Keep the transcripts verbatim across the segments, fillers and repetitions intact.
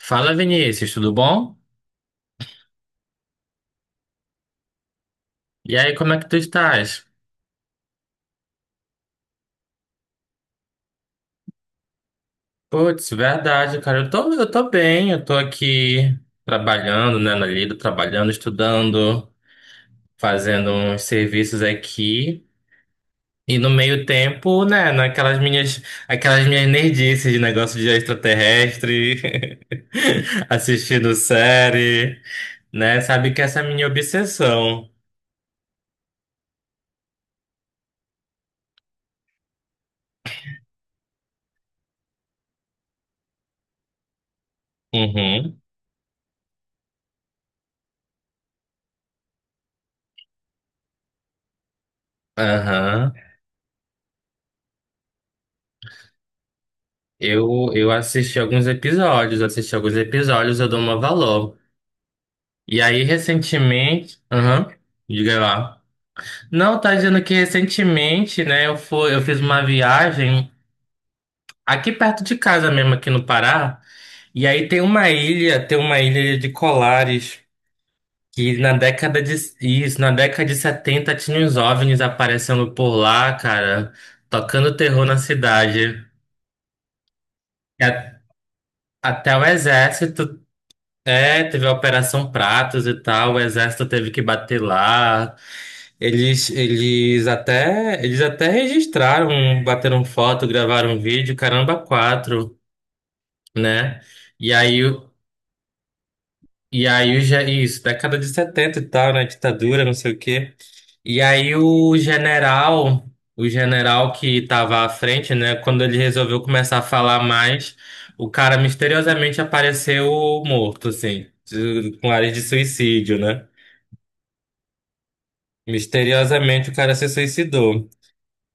Fala Vinícius, tudo bom? E aí, como é que tu estás? Putz, verdade, cara, eu tô, eu tô bem, eu tô aqui trabalhando, né, na lida, trabalhando, estudando, fazendo uns serviços aqui. E no meio tempo, né, naquelas minhas, aquelas minhas nerdices de negócio de extraterrestre, assistindo série, né, sabe que essa é a minha obsessão. Uhum. Aham. Eu, eu assisti alguns episódios, assisti alguns episódios, eu dou uma valor. E aí, recentemente. Aham, diga lá. Não, tá dizendo que recentemente, né, eu fui, eu fiz uma viagem aqui perto de casa mesmo, aqui no Pará. E aí tem uma ilha, tem uma ilha de Colares, que na década de, isso, na década de setenta tinha uns OVNIs aparecendo por lá, cara, tocando terror na cidade. E a- Até o exército é, teve a Operação Pratos e tal, o exército teve que bater lá. Eles, eles até, eles até registraram, bateram foto, gravaram um vídeo, caramba, quatro, né? E aí, o- e aí o, ge- isso, Década de setenta e tal, né? Ditadura, não sei o quê. E aí o general, o general que estava à frente, né? Quando ele resolveu começar a falar mais, o cara misteriosamente apareceu morto, assim, de- com áreas de suicídio, né? Misteriosamente o cara se suicidou.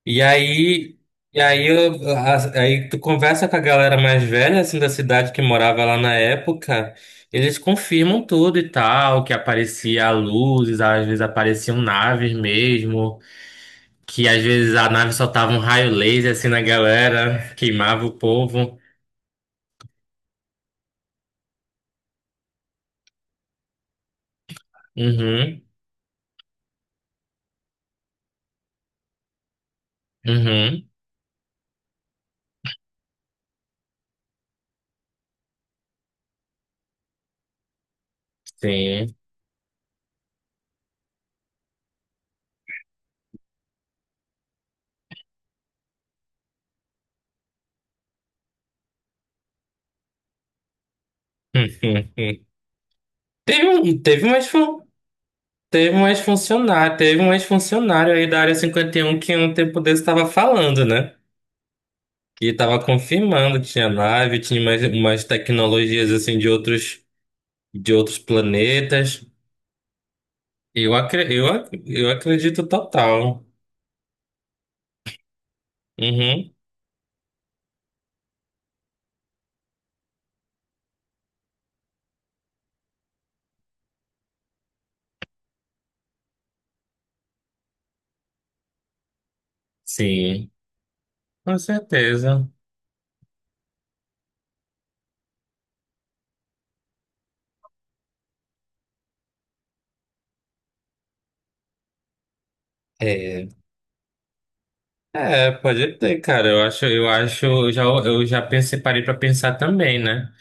E aí, e aí, eu- a- aí tu conversa com a galera mais velha assim da cidade que morava lá na época, eles confirmam tudo e tal, que aparecia luzes, às vezes apareciam naves mesmo, que às vezes a nave soltava um raio laser assim na galera, queimava o povo. Uhum, uhum, sim. Teve um, teve umas fan- Teve um ex-funcionário, teve um ex-funcionário aí da Área cinquenta e um que um tempo desse estava falando, né? Que estava confirmando tinha nave, tinha mais umas tecnologias assim de outros de outros planetas. Eu, acre, eu, ac- eu acredito total. Uhum. Sim, com certeza. É, é, pode ter, cara. Eu acho, eu acho, eu já, eu já pensei, parei para pensar também, né?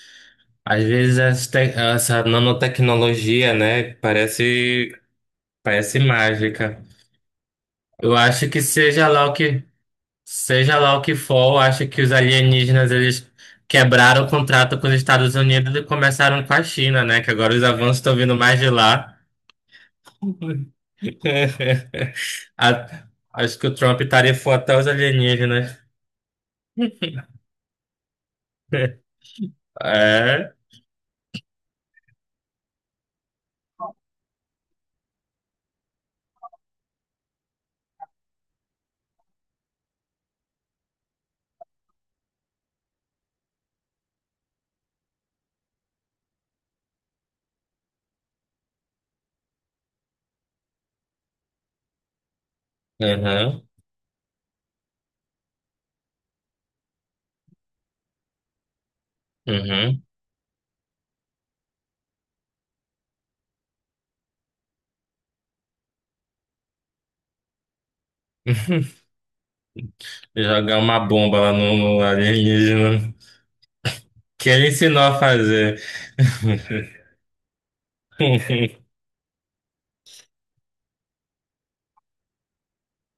Às vezes essa, te- Essa nanotecnologia, né? Parece parece mágica. Eu acho que seja lá o que Seja lá o que for, eu acho que os alienígenas eles quebraram o contrato com os Estados Unidos e começaram com a China, né? Que agora os avanços estão vindo mais de lá. A- Acho que o Trump tarifou até os alienígenas. É. Uhum. Uhum. Jogar uma bomba lá no, no alienígena. Que ele ensinou a fazer.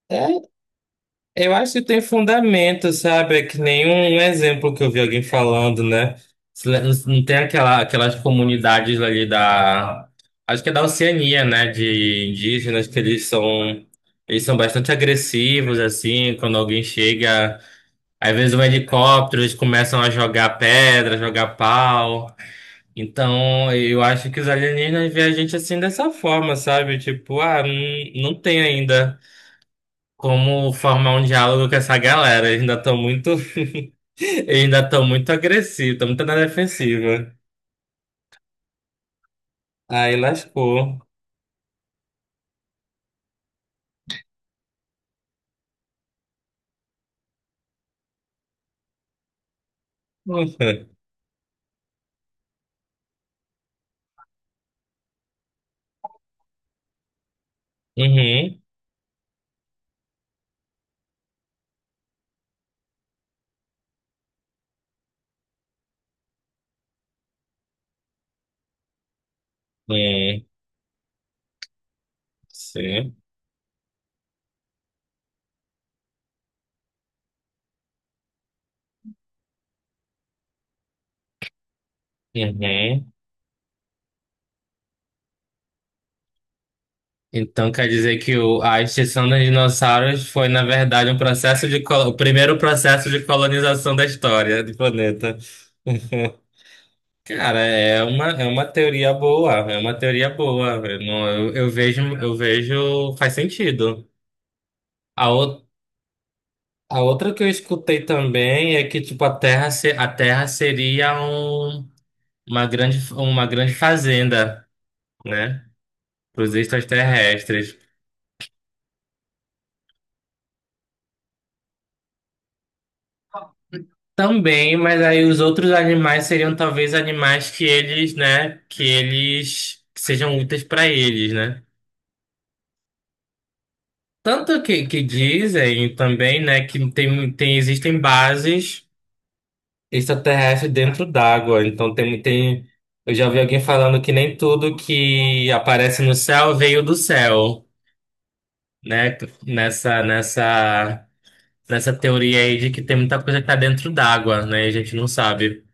É, eu acho que tem fundamento, sabe? É que nenhum exemplo que eu vi alguém falando, né? Se le- Não tem aquela, aquelas comunidades ali da. Acho que é da Oceania, né? De indígenas, que eles são. Eles são bastante agressivos, assim, quando alguém chega. Às vezes um helicóptero, eles começam a jogar pedra, jogar pau. Então, eu acho que os alienígenas veem a gente assim dessa forma, sabe? Tipo, ah, não, não tem ainda. Como formar um diálogo com essa galera? Eles ainda estão muito, eles ainda estão muito agressivos, estão muito na defensiva. Aí lascou. Uhum. É, sim. Uhum. Então quer dizer que o, a extinção dos dinossauros foi, na verdade, um processo de, colo- o primeiro processo de colonização da história do planeta. Cara, é uma, é uma teoria boa, é uma teoria boa. Eu, não- eu, eu vejo, eu vejo, faz sentido. A ou- A outra que eu escutei também é que, tipo, a Terra, se- a Terra seria um- uma grande, uma grande fazenda, né? Para os extraterrestres. Também, mas aí os outros animais seriam talvez animais que eles, né? Que eles que sejam úteis para eles, né? Tanto que, que dizem também, né? Que tem, tem, existem bases. Extraterrestre dentro d'água. Então tem, tem. Eu já vi alguém falando que nem tudo que aparece no céu veio do céu, né? Nessa, nessa, nessa teoria aí de que tem muita coisa que tá dentro d'água, né? E a gente não sabe.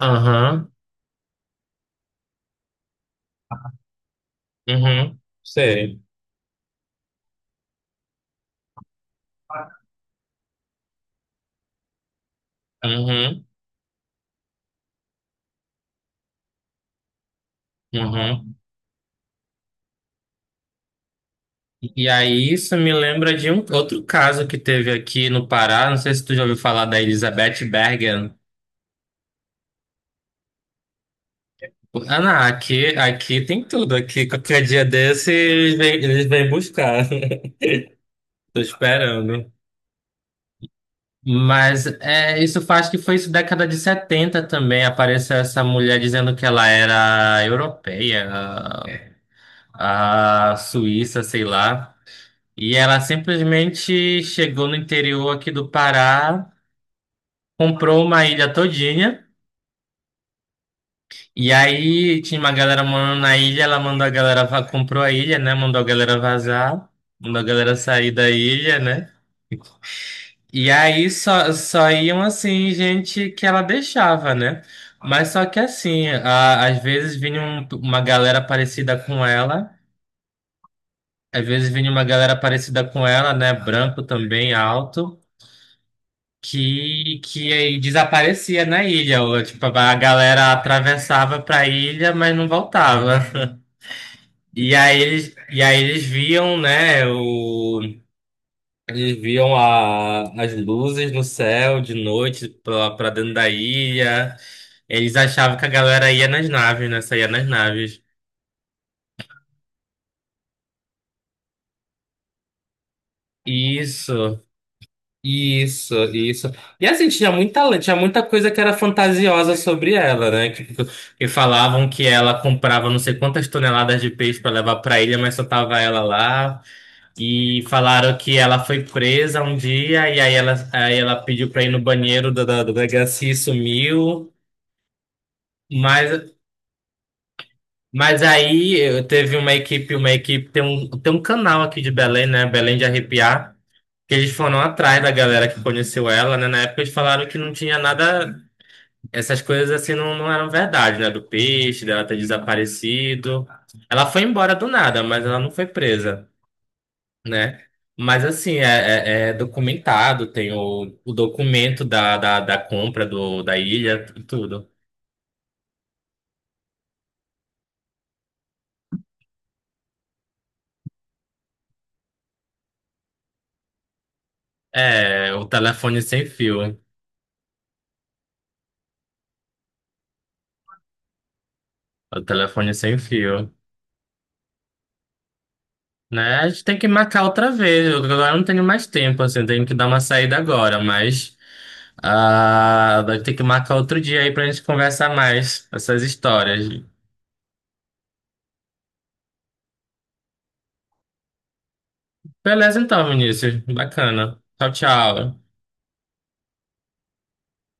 Aham, uhum, sei. Uhum, uhum. E aí isso me lembra de um outro caso que teve aqui no Pará. Não sei se tu já ouviu falar da Elizabeth Bergen. Ah, não, aqui, aqui tem tudo. Aqui, qualquer dia desse, eles vêm, eles vêm buscar. Tô esperando. Mas é, isso faz que foi isso década de setenta também. Apareceu essa mulher dizendo que ela era europeia, a Suíça, sei lá. E ela simplesmente chegou no interior aqui do Pará, comprou uma ilha todinha. E aí tinha uma galera morando na ilha, ela mandou a galera, va- comprou a ilha, né? Mandou a galera vazar, mandou a galera sair da ilha, né? E aí só, só iam assim, gente que ela deixava, né? Mas só que assim, a- às vezes vinha um- uma galera parecida com ela, às vezes vinha uma galera parecida com ela, né? Branco também, alto, que, que aí desaparecia na ilha. Ou, tipo, a galera atravessava pra ilha, mas não voltava. E aí eles, e aí eles viam, né, o, eles viam a, as luzes no céu de noite pra, pra dentro da ilha. Eles achavam que a galera ia nas naves, né, saía nas naves. Isso, isso, isso. E assim, tinha muita, tinha muita coisa que era fantasiosa sobre ela, né, que, que falavam que ela comprava não sei quantas toneladas de peixe pra levar pra ilha, mas só tava ela lá. E falaram que ela foi presa um dia e aí ela, aí ela pediu pra ir no banheiro da, da, da delegacia e sumiu. Mas, mas aí eu- teve uma equipe, uma equipe, tem um, tem um canal aqui de Belém, né? Belém de Arrepiar, que eles foram atrás da galera que conheceu ela, né? Na época eles falaram que não tinha nada, essas coisas assim não, não eram verdade, né? Do peixe, dela ter desaparecido. Ela foi embora do nada, mas ela não foi presa. Né? Mas assim, é, é- é documentado, tem o, o documento da, da, da compra do, da ilha e tudo. É, o telefone sem fio. O telefone sem fio. Né? A gente tem que marcar outra vez. Eu agora não tenho mais tempo, assim, eu tenho que dar uma saída agora, mas ah, vai ter que marcar outro dia aí pra gente conversar mais essas histórias. Beleza então, Vinícius. Bacana. Tchau, tchau.